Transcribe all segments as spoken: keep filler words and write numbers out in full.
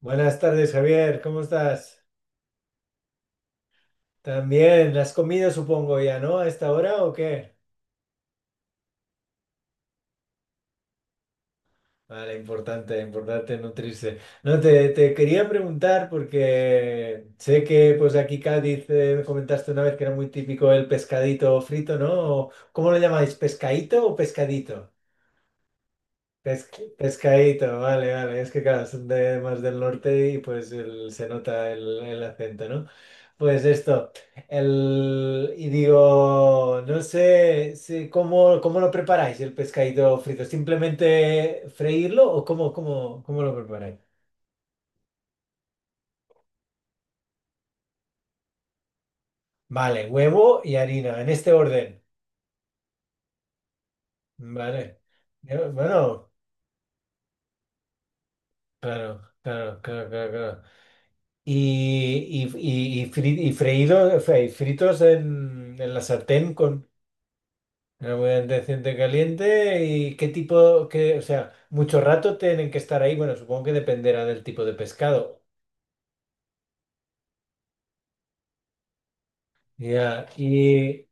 Buenas tardes, Javier, ¿cómo estás? También, ¿has comido, supongo, ya, ¿no? ¿A esta hora o qué? Vale, importante, importante nutrirse. No, te, te quería preguntar porque sé que pues aquí Cádiz eh, me comentaste una vez que era muy típico el pescadito frito, ¿no? ¿O ¿Cómo lo llamáis? ¿Pescadito o pescadito? Pesc- pescadito, vale, vale. Es que claro, son de más del norte y pues el- se nota el, el acento, ¿no? Pues esto, el, y digo, no sé si- cómo, cómo lo preparáis el pescadito frito, ¿simplemente freírlo o cómo, cómo, cómo lo preparáis? Vale, huevo y harina, en este orden. Vale. Eh, Bueno, claro, claro, claro, claro, claro. Y, y, y, y fri- y freído- fe- fritos en, en la sartén con en abundante aceite caliente y qué tipo, que o sea, mucho rato tienen que estar ahí, bueno, supongo que dependerá del tipo de pescado. Ya, y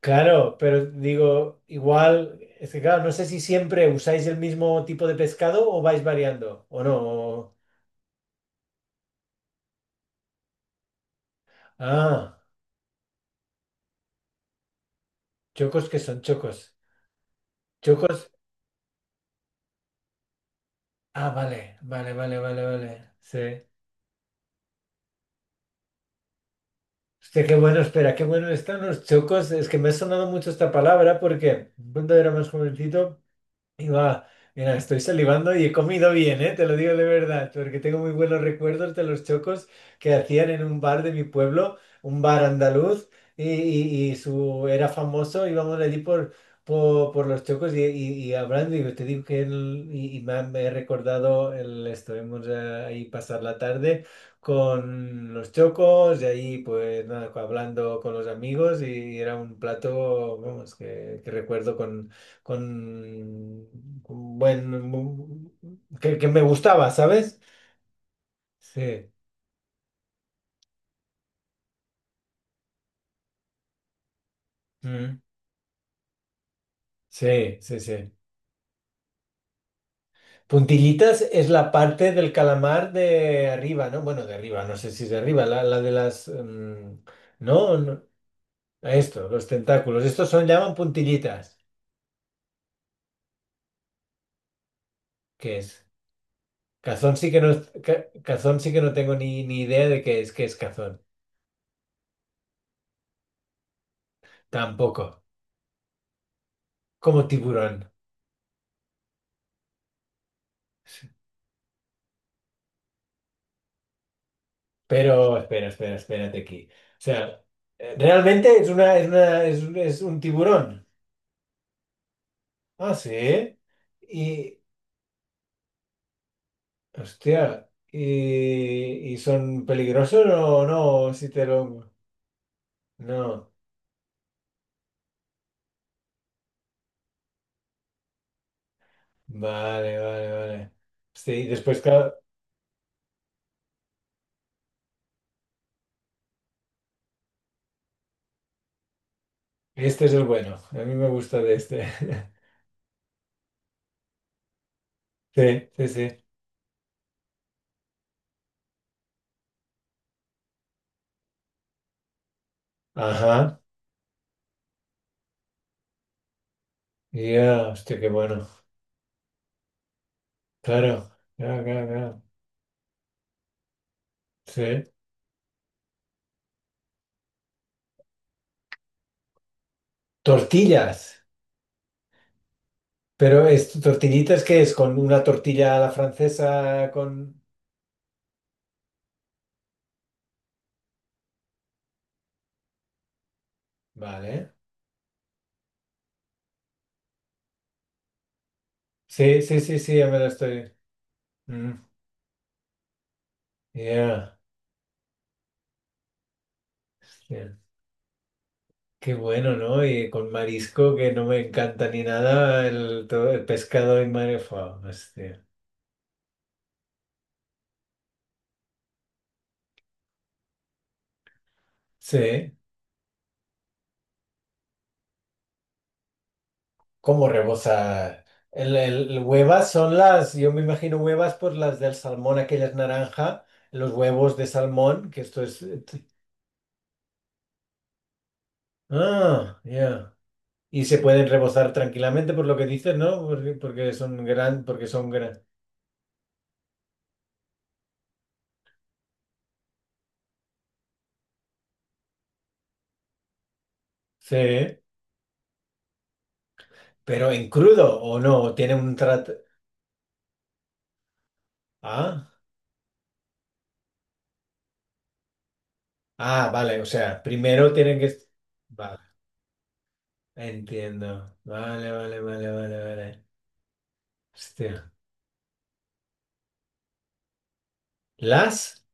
claro, pero digo, igual, es que claro, no sé si siempre usáis el mismo tipo de pescado o vais variando, o no. o- ah, chocos que son chocos. Chocos, ah, vale, vale, vale, vale, vale, sí. Hostia, qué bueno, espera, qué bueno están los chocos. Es que me ha sonado mucho esta palabra porque cuando era más jovencito. Y va, mira, estoy salivando y he comido bien, ¿eh? Te lo digo de verdad, porque tengo muy buenos recuerdos de los chocos que hacían en un bar de mi pueblo, un bar andaluz, y, y- y su, era famoso, íbamos allí por, por, por los chocos y, y, y hablando, y te digo que el- y, y me, ha- me he recordado, el, estuvimos eh, ahí pasar la tarde con los chocos, y ahí pues nada, hablando con los amigos, y era un plato, vamos, que que recuerdo con, con buen, bu- que, que me gustaba, ¿sabes? Sí, mm, sí, sí, sí. Puntillitas es la parte del calamar de arriba, ¿no? Bueno, de arriba, no sé si es de arriba, la, la de las mm, no, no, esto, los tentáculos, estos son, llaman puntillitas, ¿qué es? Cazón sí que no, ca- cazón sí que no tengo ni, ni idea de qué es, qué es cazón, tampoco, como tiburón. Sí. Pero espera, espera, espérate aquí. O sea, eh, realmente es una, es una, es, un es un tiburón. Ah, sí. Y, hostia, y, y son peligrosos o no, si te lo... No. Vale, vale, vale. Sí, y después, claro, este es el bueno. A mí me gusta de este. Sí, sí, sí. Ajá. Ya, hostia, qué bueno. Claro, claro, claro, claro. Sí. Tortillas. Pero es tortillitas que es con una tortilla a la francesa con... Vale. Sí, sí, sí, sí, ya me lo estoy... Mm, yeah, yeah. Qué bueno, ¿no? Y con marisco que no me encanta ni nada, el, todo el pescado en marefa. Hostia. Sí. ¿Cómo rebosa? El, el- huevas son las, yo me imagino huevas, pues las del salmón, aquellas naranja, los huevos de salmón, que esto es... Ah, ya. Y se pueden rebozar tranquilamente por lo que dices, ¿no? Porque, porque son gran, porque son gran. Sí, pero en crudo o no, tiene un trato. Ah, ah, vale, o sea, primero tienen que. Vale, entiendo. Vale, vale, vale, vale, vale. Hostia. Las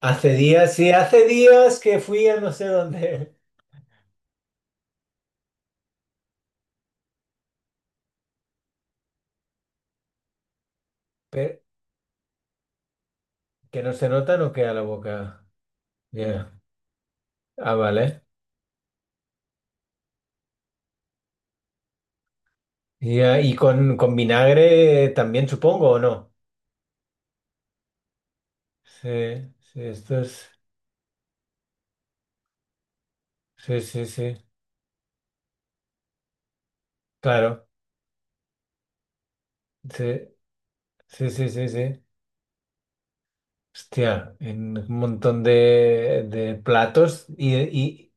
hace días, sí, hace días que fui a no sé dónde. Pe- que no se nota, no queda la boca. Ya. Ah, vale. Ya, y con, con vinagre también, supongo, ¿o no? Sí, sí, esto es. Sí, sí, sí, claro. Sí, sí, sí, sí, sí. Hostia, en un montón de, de platos y, y,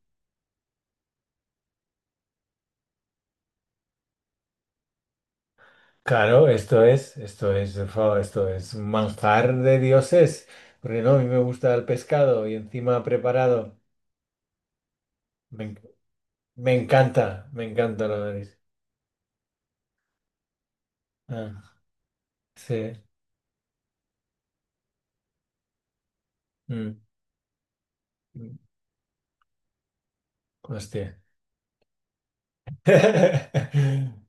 claro, esto es, esto es, fa- esto es un manjar de dioses, porque no, a mí me gusta el pescado y encima preparado. Me, en- Me encanta, me encanta la nariz. Ah, sí. Mm, mm. Hostia.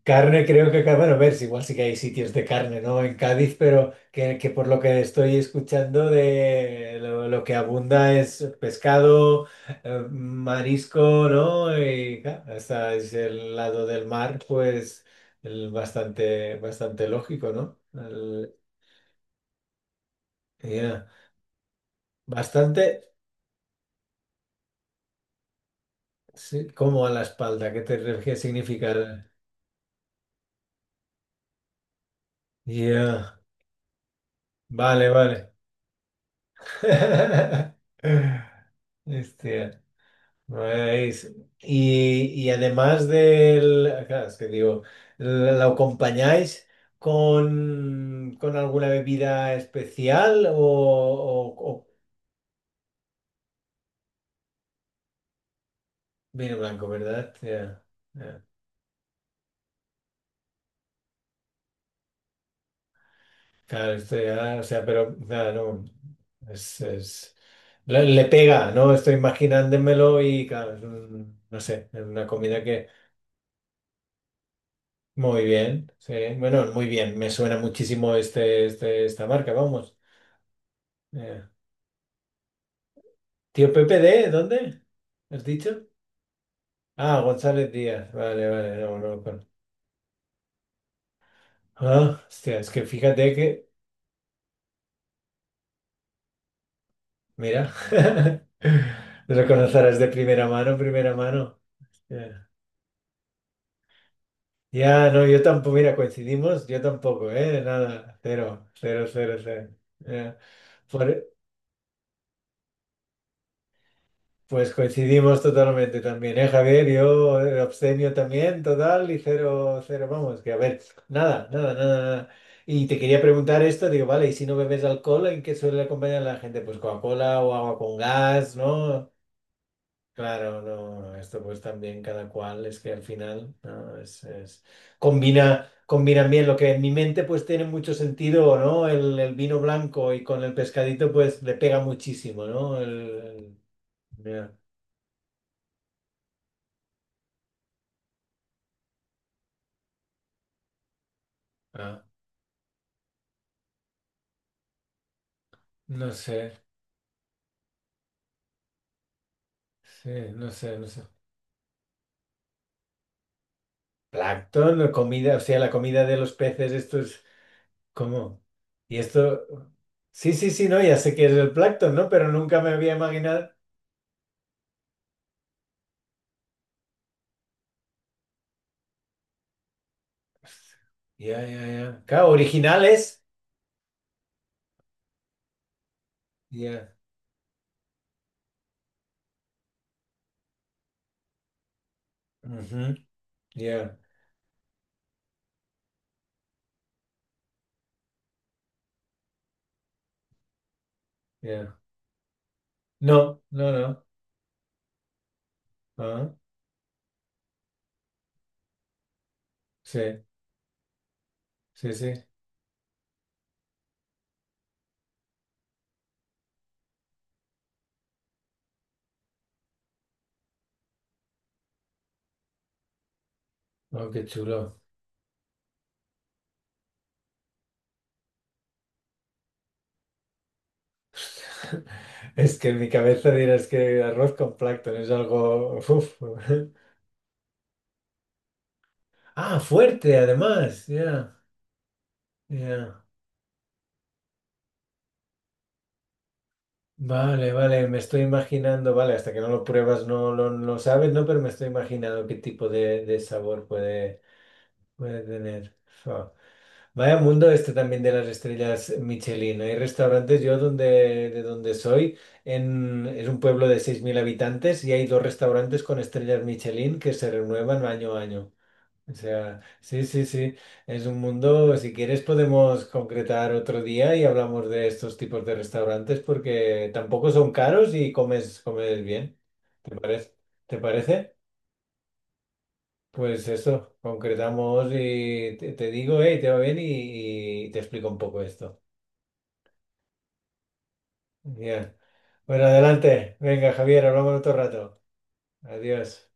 Carne, creo que, ca- bueno, a ver, si igual sí que hay sitios de carne, ¿no? En Cádiz, pero que, que por lo que estoy escuchando de lo, lo que abunda es pescado, eh, marisco, ¿no? Y claro, hasta es el lado del mar, pues el bastante, bastante lógico, ¿no? El- ya. Bastante, sí, como a la espalda, ¿qué te refieres? Significa. Ya, vale, vale. Hostia, nice. Y, y además del... Claro, es que digo, ¿lo acompañáis con, con alguna bebida especial o, o- o vino blanco, ¿verdad? Ya, ya. Claro, esto ya, o sea, pero claro, no, es, es- le, le pega, ¿no? Estoy imaginándomelo y claro, es un- no sé, es una comida. Muy bien, sí. Bueno, muy bien. Me suena muchísimo este, este, esta marca, vamos. Eh, Tío Pepe de, ¿dónde? ¿Has dicho? Ah, González Díaz. Vale, vale, no, no. lo con- Ah, hostia, es que fíjate que, mira, lo conocerás de primera mano, primera mano. Ya, ya, no, yo tampoco, mira, coincidimos, yo tampoco, ¿eh? Nada, cero, cero, cero, cero. Ya. Por- Pues coincidimos totalmente también, ¿eh, Javier? Yo eh, abstemio también, total, y cero, cero, vamos, que a ver, nada, nada, nada, nada. Y te quería preguntar esto, digo, vale, y si no bebes alcohol, ¿en qué suele acompañar la gente? Pues Coca-Cola o agua con gas, ¿no? Claro, no, no, esto pues también cada cual, es que al final, ¿no? Es, es- combina, combina bien lo que en mi mente pues tiene mucho sentido, ¿no? El, el vino blanco y con el pescadito pues le pega muchísimo, ¿no? El, el- ya. Ah. No sé, sí, no sé, no sé. Plancton, la comida, o sea, la comida de los peces, esto es como... Y esto... Sí, sí, sí, no, ya sé que es el plancton, ¿no? Pero nunca me había imaginado. Ya, ya, ya. Claro, originales. Ya. Ujú, ya, ya. No, no, no. Ah, sí, sí, sí. Oh, qué chulo. Es que en mi cabeza dirás que arroz con plancton es algo... uf. Ah, fuerte, además. Ya, ya. Vale, vale, me estoy imaginando, vale, hasta que no lo pruebas no lo no sabes, ¿no? Pero me estoy imaginando qué tipo de, de sabor puede, puede tener. Fua. Vaya mundo este también de las estrellas Michelin. Hay restaurantes, yo donde, de donde soy, en, es un pueblo de seis mil habitantes y hay dos restaurantes con estrellas Michelin que se renuevan año a año. O sea, sí, sí, sí, es un mundo, si quieres podemos concretar otro día y hablamos de estos tipos de restaurantes porque tampoco son caros y comes, comes bien. ¿Te parece? ¿Te parece? Pues eso, concretamos y te, te digo, hey, te va bien y, y te explico un poco esto. Bien. Bueno, adelante. Venga, Javier, hablamos otro rato. Adiós.